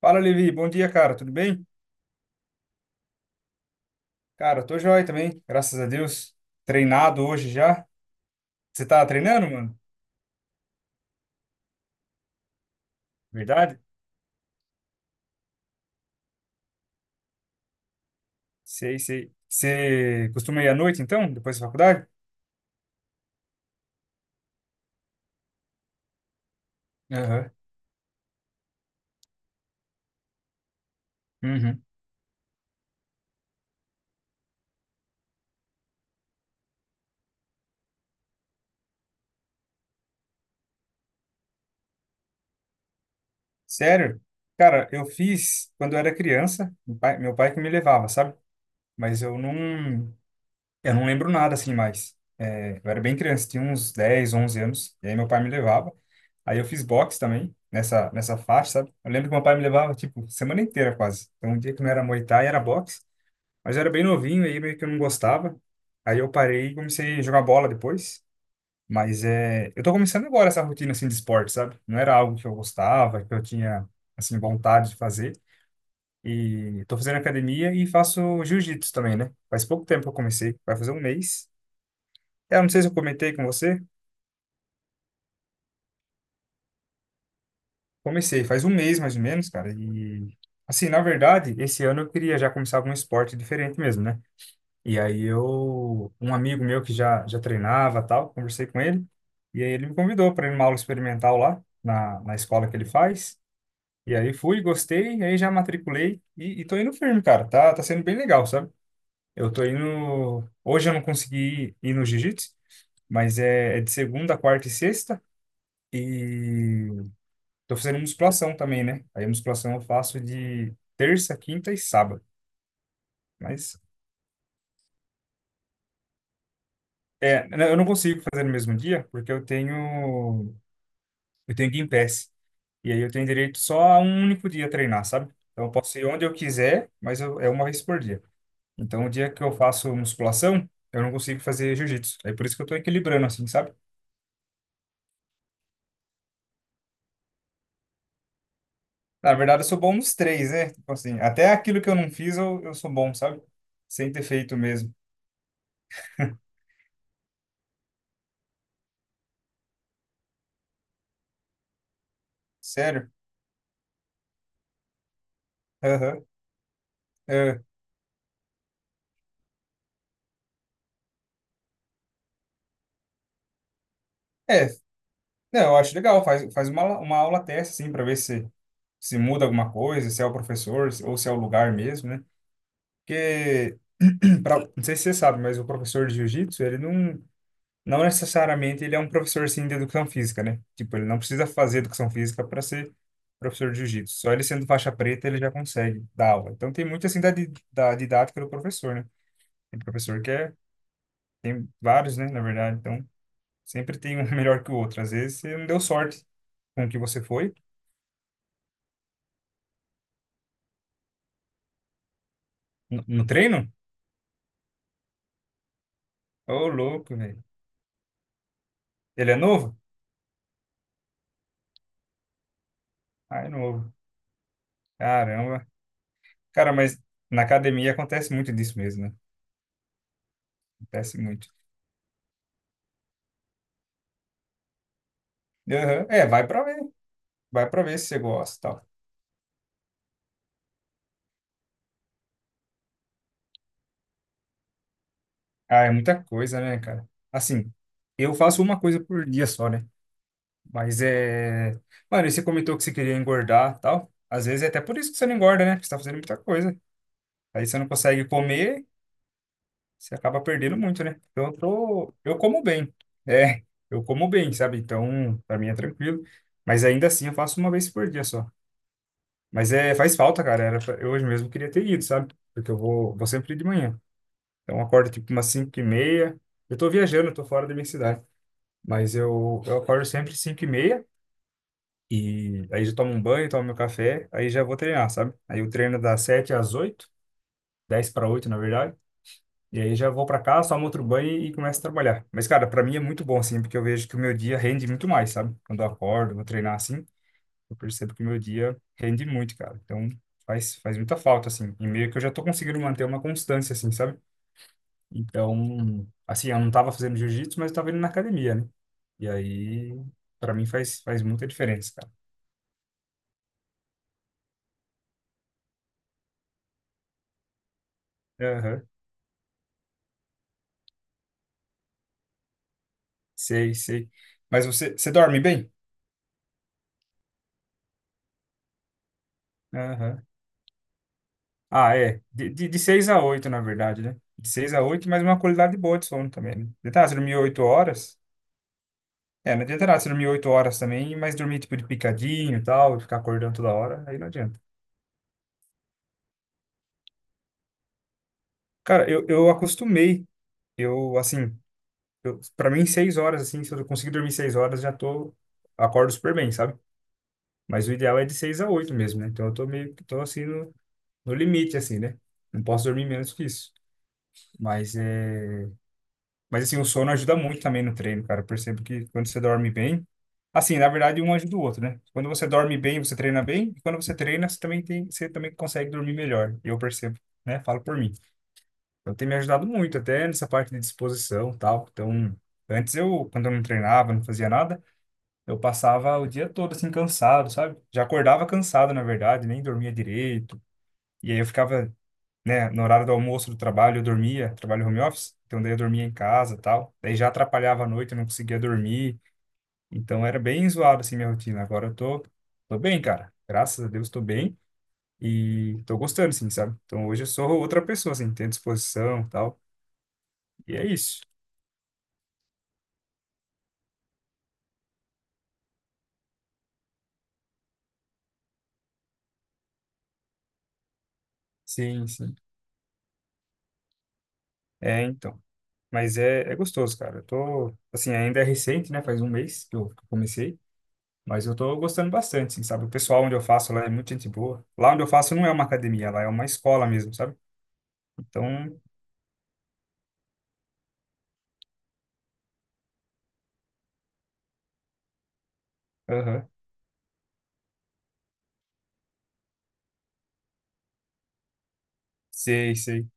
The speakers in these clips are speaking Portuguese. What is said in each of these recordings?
Fala, Levi. Bom dia, cara. Tudo bem? Cara, eu tô joia também, graças a Deus. Treinado hoje já. Você tá treinando, mano? Verdade? Sei, sei. Você costuma ir à noite, então, depois da faculdade? Aham. Uhum. Sério? Cara, eu fiz quando eu era criança, meu pai que me levava, sabe? Mas eu não. Eu não lembro nada assim mais. É, eu era bem criança, tinha uns 10, 11 anos, e aí meu pai me levava. Aí eu fiz boxe também, nessa faixa, sabe? Eu lembro que meu pai me levava, tipo, semana inteira quase. Então, um dia que não era Muay Thai, era boxe. Mas eu era bem novinho, aí meio que eu não gostava. Aí eu parei e comecei a jogar bola depois. Mas é, eu tô começando agora essa rotina, assim, de esporte, sabe? Não era algo que eu gostava, que eu tinha, assim, vontade de fazer. E tô fazendo academia e faço jiu-jitsu também, né? Faz pouco tempo que eu comecei, vai fazer um mês. É, eu não sei se eu comentei com você. Comecei faz um mês mais ou menos, cara. E assim, na verdade, esse ano eu queria já começar algum esporte diferente mesmo, né? E aí eu, um amigo meu que já já treinava, tal, conversei com ele, e aí ele me convidou para ir numa aula experimental lá na escola que ele faz. E aí fui, gostei, e aí já matriculei e tô indo firme, cara. Tá sendo bem legal, sabe? Eu tô indo, hoje eu não consegui ir, ir no jiu-jitsu, mas é de segunda, quarta e sexta. E tô fazendo musculação também, né? Aí a musculação eu faço de terça, quinta e sábado. Mas é, eu não consigo fazer no mesmo dia porque eu tenho Gympass. E aí eu tenho direito só a um único dia treinar, sabe? Então eu posso ir onde eu quiser, mas eu, é uma vez por dia. Então o dia que eu faço musculação, eu não consigo fazer jiu-jitsu. É por isso que eu tô equilibrando assim, sabe? Na verdade eu sou bom nos três, né? Tipo assim, até aquilo que eu não fiz eu sou bom, sabe? Sem ter feito mesmo. Sério? Aham. É. É, não, eu acho legal, faz, faz uma aula teste, assim, para ver se muda alguma coisa, se é o professor ou se é o lugar mesmo, né? Porque, pra, não sei se você sabe, mas o professor de jiu-jitsu, ele não, não necessariamente ele é um professor, assim, de educação física, né? Tipo, ele não precisa fazer educação física para ser professor de jiu-jitsu. Só ele sendo faixa preta, ele já consegue dar aula. Então, tem muito, assim, da didática do professor, né? Tem professor que é, tem vários, né, na verdade. Então, sempre tem um melhor que o outro. Às vezes, você não deu sorte com o que você foi. No treino? Ô, louco, velho. Ele é novo? Ah, é novo. Caramba. Cara, mas na academia acontece muito disso mesmo, né? Acontece muito. Aham. É, vai pra ver. Vai pra ver se você gosta e tal. Ah, é muita coisa, né, cara? Assim, eu faço uma coisa por dia só, né? Mas é. Mano, e você comentou que você queria engordar e tal. Às vezes é até por isso que você não engorda, né? Porque você tá fazendo muita coisa. Aí você não consegue comer, você acaba perdendo muito, né? Então, eu tô, eu como bem. É, eu como bem, sabe? Então, pra mim é tranquilo. Mas ainda assim, eu faço uma vez por dia só. Mas é, faz falta, cara. Eu hoje mesmo queria ter ido, sabe? Porque eu vou, vou sempre de manhã. Então, eu acordo tipo umas 5h30. Eu tô viajando, eu tô fora da minha cidade. Mas eu acordo sempre 5h30. E aí já tomo um banho, tomo meu café. Aí já vou treinar, sabe? Aí eu treino das 7 às 8, 10 para 8, na verdade. E aí já vou pra cá, só outro banho e começo a trabalhar. Mas, cara, pra mim é muito bom, assim, porque eu vejo que o meu dia rende muito mais, sabe? Quando eu acordo, vou treinar assim, eu percebo que o meu dia rende muito, cara. Então, faz, faz muita falta, assim. E meio que eu já tô conseguindo manter uma constância, assim, sabe? Então, assim, eu não tava fazendo jiu-jitsu, mas eu tava indo na academia, né? E aí, pra mim faz, faz muita diferença, cara. Aham. Sei, sei. Mas você dorme bem? Aham. Ah, é. De 6 a 8, na verdade, né? De 6 a 8, mas uma qualidade boa de sono também, né? Tentar se dormir 8 horas. É, não adianta nada se dormir 8 horas também, mas dormir tipo de picadinho e tal, e ficar acordando toda hora, aí não adianta. Cara, eu acostumei. Eu, assim, eu, pra mim, 6 horas, assim, se eu conseguir dormir 6 horas, já tô. Acordo super bem, sabe? Mas o ideal é de 6 a 8 mesmo, né? Então eu tô meio que tô assim no limite, assim, né? Não posso dormir menos que isso. Mas é. Mas assim, o sono ajuda muito também no treino, cara. Eu percebo que quando você dorme bem, assim, na verdade, um ajuda o outro, né? Quando você dorme bem, você treina bem, e quando você treina, você também tem, você também consegue dormir melhor. Eu percebo, né? Falo por mim. Então tem me ajudado muito até nessa parte de disposição, e tal. Então, antes eu, quando eu não treinava, não fazia nada, eu passava o dia todo assim cansado, sabe? Já acordava cansado, na verdade, nem dormia direito. E aí eu ficava, né, no horário do almoço do trabalho eu dormia, trabalho home office, então daí eu dormia em casa, e tal. Daí já atrapalhava a noite, eu não conseguia dormir. Então era bem zoado assim minha rotina. Agora eu tô bem, cara. Graças a Deus tô bem e tô gostando assim, sabe? Então hoje eu sou outra pessoa assim, tenho disposição, e tal. E é isso. Sim, sim. É, então. Mas é gostoso, cara. Eu tô, assim, ainda é recente, né? Faz um mês que eu comecei. Mas eu tô gostando bastante, assim, sabe? O pessoal onde eu faço lá é muito gente boa. Lá onde eu faço não é uma academia, lá é uma escola mesmo, sabe? Então, aham, sei, sei.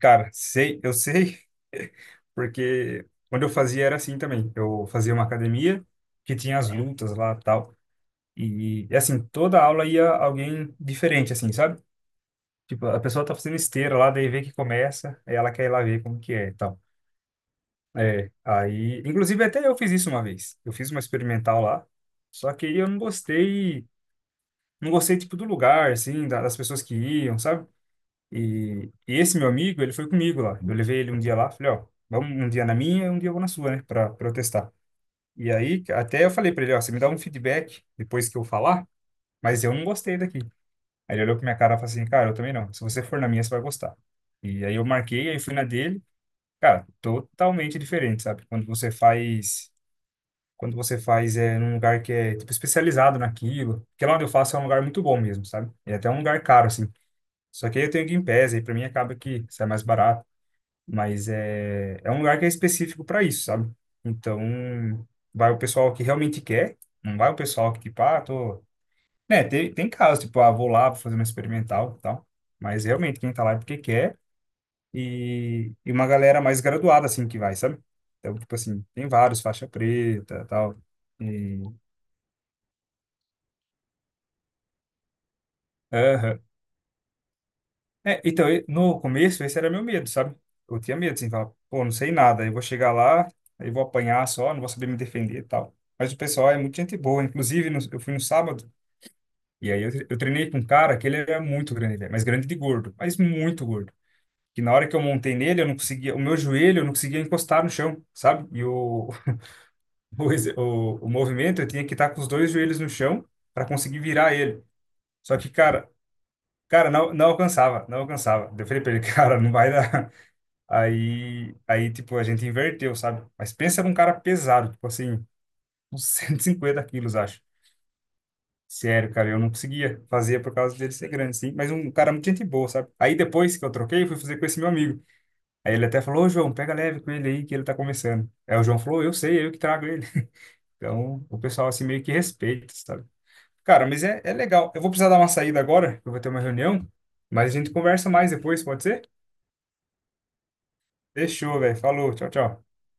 Cara, sei, eu sei, porque quando eu fazia era assim também. Eu fazia uma academia que tinha as lutas lá tal. E assim, toda aula ia alguém diferente, assim, sabe? Tipo, a pessoa tá fazendo esteira lá, daí vê que começa, aí ela quer ir lá ver como que é e tal. É, aí, inclusive até eu fiz isso uma vez. Eu fiz uma experimental lá, só que aí eu não gostei, não gostei tipo do lugar, assim, das pessoas que iam, sabe? E esse meu amigo, ele foi comigo lá. Eu levei ele um dia lá, falei, ó, vamos um dia na minha, um dia eu vou na sua, né, para protestar. E aí até eu falei para ele, ó, você me dá um feedback depois que eu falar, mas eu não gostei daqui. Aí ele olhou pra minha cara e falou assim, cara, eu também não. Se você for na minha, você vai gostar. E aí eu marquei, aí fui na dele. Cara, totalmente diferente, sabe? Quando você faz é num lugar que é tipo especializado naquilo, porque lá onde eu faço é um lugar muito bom mesmo, sabe? E é até um lugar caro assim. Só que aí eu tenho Game Pass, aí para mim acaba que sai mais barato, mas é um lugar que é específico para isso, sabe? Então, vai o pessoal que realmente quer, não vai o pessoal que tipo, ah, tô, né, tem casos tipo, ah, vou lá, vou fazer uma experimental, e tal. Mas realmente quem tá lá é porque quer e uma galera mais graduada assim que vai, sabe? Então, tipo assim, tem vários faixa preta, tal. E aham. É, então, no começo, esse era meu medo, sabe? Eu tinha medo, assim, falar, pô, não sei nada, eu vou chegar lá, aí vou apanhar só, não vou saber me defender e tal. Mas o pessoal é muito gente boa, inclusive eu fui no sábado, e aí eu treinei com um cara que ele era muito grande, velho, mas grande de gordo, mas muito gordo. Que na hora que eu montei nele, eu não conseguia, o meu joelho, eu não conseguia encostar no chão, sabe? E o movimento, eu tinha que estar com os dois joelhos no chão para conseguir virar ele. Só que, cara. Cara, não, não alcançava, não alcançava. Daí eu falei pra ele, cara, não vai dar. Aí, tipo, a gente inverteu, sabe? Mas pensa num cara pesado, tipo assim, uns 150 quilos, acho. Sério, cara, eu não conseguia fazer por causa dele ser grande, sim. Mas um cara muito gente boa, sabe? Aí depois que eu troquei, eu fui fazer com esse meu amigo. Aí ele até falou, ô João, pega leve com ele aí, que ele tá começando. Aí o João falou, eu sei, é eu que trago ele. Então, o pessoal assim meio que respeita, sabe? Cara, mas é legal. Eu vou precisar dar uma saída agora, eu vou ter uma reunião, mas a gente conversa mais depois, pode ser? Fechou, velho. Falou. Tchau, tchau.